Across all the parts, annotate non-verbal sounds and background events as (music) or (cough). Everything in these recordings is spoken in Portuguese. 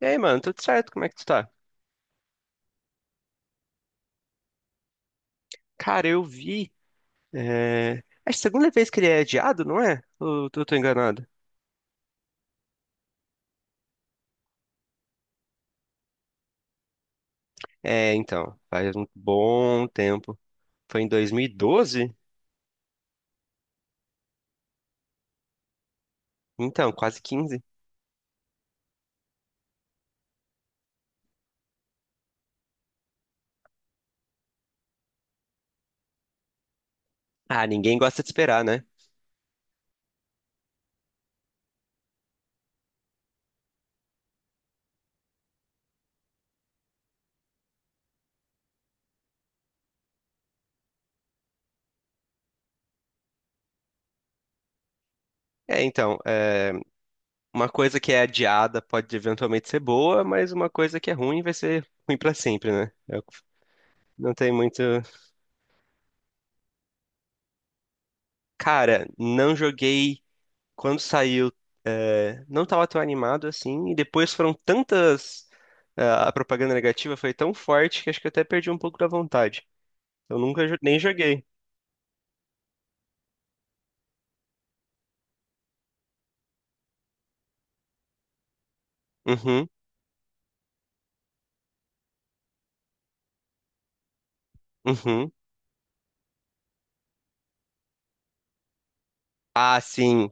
E aí, mano, tudo certo? Como é que tu tá? Cara, eu vi. É... É a segunda vez que ele é adiado, não é? Ou eu tô enganado? É, então, faz um bom tempo. Foi em 2012? Então, quase 15. Ah, ninguém gosta de esperar, né? É, então, é, uma coisa que é adiada pode eventualmente ser boa, mas uma coisa que é ruim vai ser ruim pra sempre, né? Eu não tem muito. Cara, não joguei quando saiu, não estava tão animado assim, e depois foram tantas. A propaganda negativa foi tão forte que acho que eu até perdi um pouco da vontade. Eu nunca jo- nem joguei. Uhum, uhum. Ah, sim.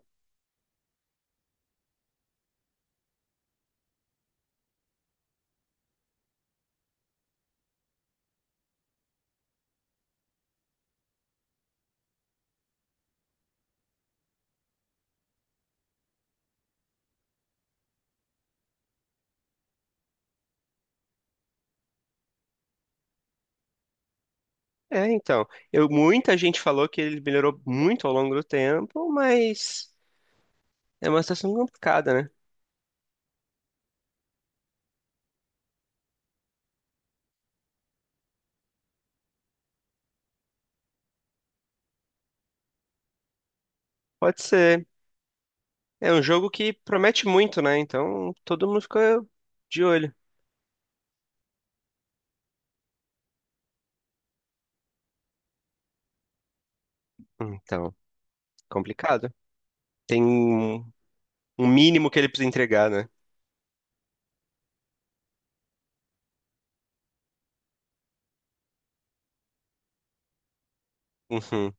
É, então. Eu, muita gente falou que ele melhorou muito ao longo do tempo, mas é uma situação complicada, né? Pode ser. É um jogo que promete muito, né? Então todo mundo fica de olho. Então, complicado. Tem um, um mínimo que ele precisa entregar, né? Uhum.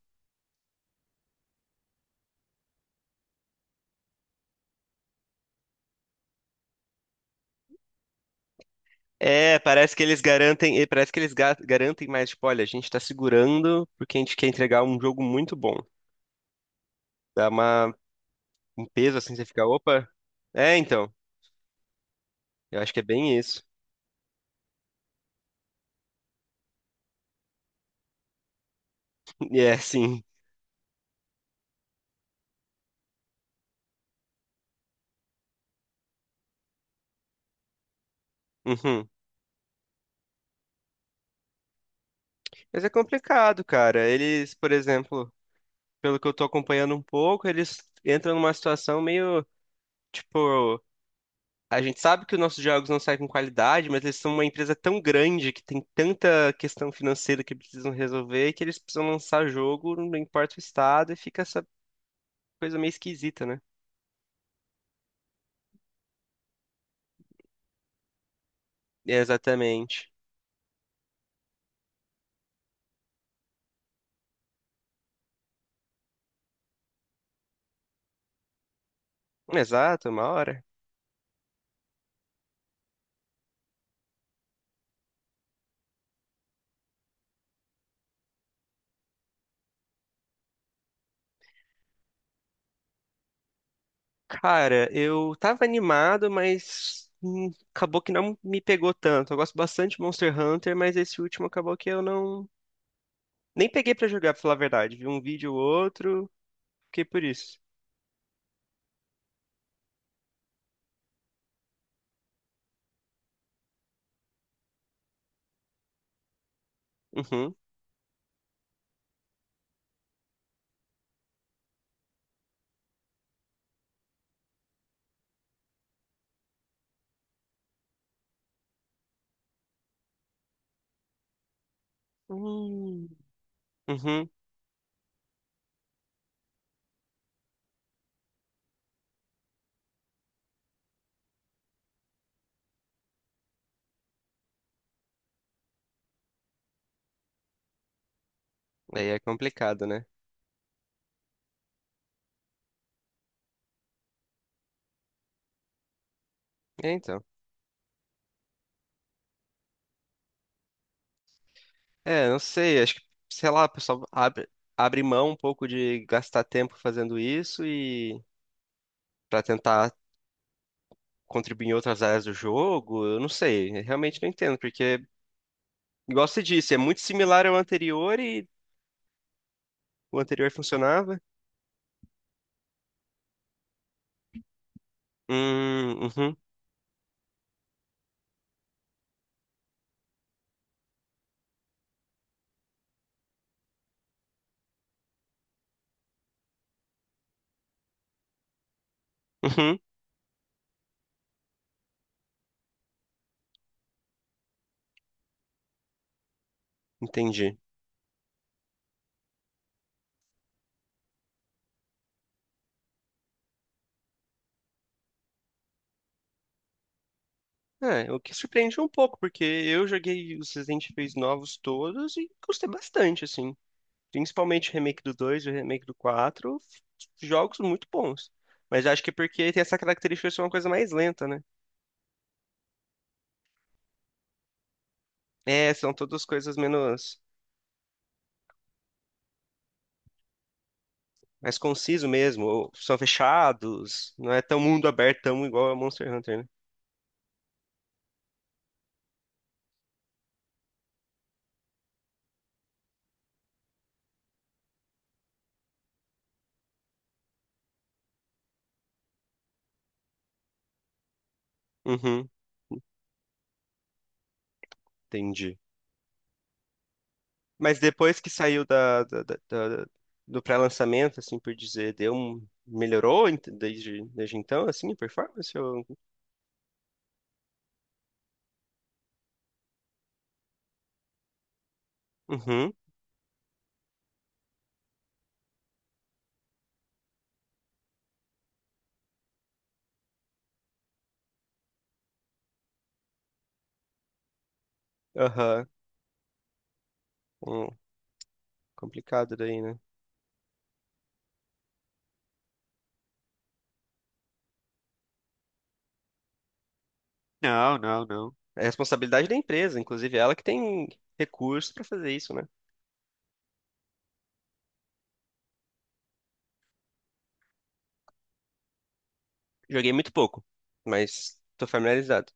É, parece que eles garantem, e parece que garantem mais, tipo, olha, a gente tá segurando porque a gente quer entregar um jogo muito bom. Dá uma, um peso assim, você fica, opa. É, então, eu acho que é bem isso. (laughs) E é, sim. Uhum. Mas é complicado, cara. Eles, por exemplo, pelo que eu tô acompanhando um pouco, eles entram numa situação meio, tipo, a gente sabe que os nossos jogos não saem com qualidade, mas eles são uma empresa tão grande que tem tanta questão financeira que precisam resolver que eles precisam lançar jogo, não importa o estado, e fica essa coisa meio esquisita, né? Exatamente. Exato, uma hora. Cara, eu tava animado, mas acabou que não me pegou tanto. Eu gosto bastante de Monster Hunter, mas esse último acabou que eu não nem peguei pra jogar, pra falar a verdade. Vi um vídeo ou outro, fiquei por isso. Uhum. Hum. Uhum. Aí é complicado, né? É, então. É, não sei, acho que, sei lá, abre mão um pouco de gastar tempo fazendo isso e pra tentar contribuir em outras áreas do jogo, eu não sei, eu realmente não entendo, porque, igual você disse, é muito similar ao anterior e o anterior funcionava. Uhum, uhum, entendi. É, o que surpreende um pouco, porque eu joguei os Resident Evil novos todos e gostei bastante, assim. Principalmente o remake do 2, e o remake do 4, jogos muito bons. Mas eu acho que é porque tem essa característica de ser uma coisa mais lenta, né? É, são todas coisas menos, mais conciso mesmo, ou são fechados, não é tão mundo aberto, tão igual a Monster Hunter, né? Uhum, entendi. Mas depois que saiu da- do pré-lançamento, assim por dizer, deu um, melhorou desde, desde então, assim, a performance? Ou... Uhum, aham. Hum, complicado daí, né? Não, não, não. É responsabilidade da empresa, inclusive ela que tem recursos pra fazer isso, né? Joguei muito pouco, mas tô familiarizado.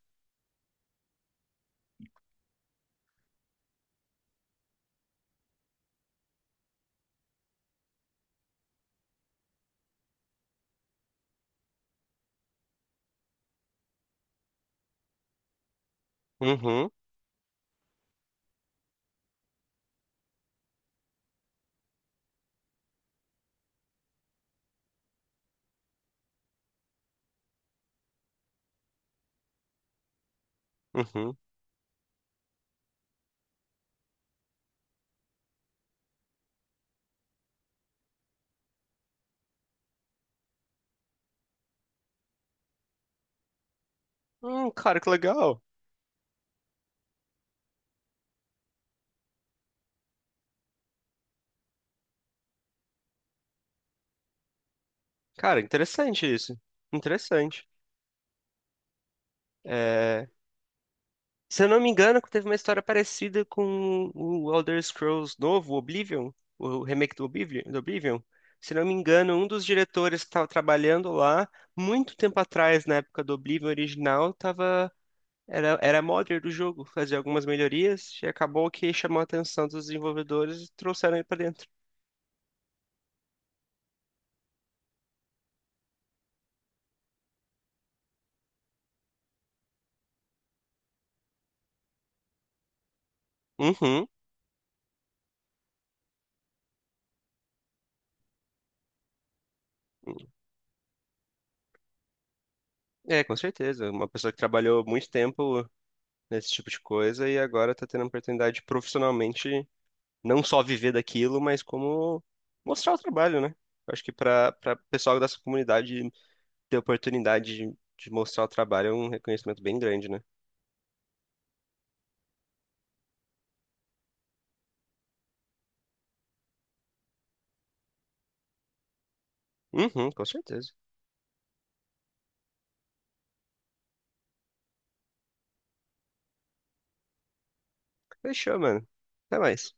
Uhum, uhum. Cara, que legal. Cara, interessante isso. Interessante. É, se eu não me engano, teve uma história parecida com o Elder Scrolls novo, Oblivion, o remake do Oblivion, do Oblivion. Se não me engano, um dos diretores que estava trabalhando lá, muito tempo atrás, na época do Oblivion original, estava era, era modder do jogo, fazia algumas melhorias e acabou que chamou a atenção dos desenvolvedores e trouxeram ele pra dentro. Uhum. É, com certeza. Uma pessoa que trabalhou muito tempo nesse tipo de coisa e agora tá tendo a oportunidade de profissionalmente não só viver daquilo, mas como mostrar o trabalho, né? Eu acho que para pessoal dessa comunidade ter a oportunidade de mostrar o trabalho é um reconhecimento bem grande, né? Uhum, com certeza. Fechou, mano. Até mais.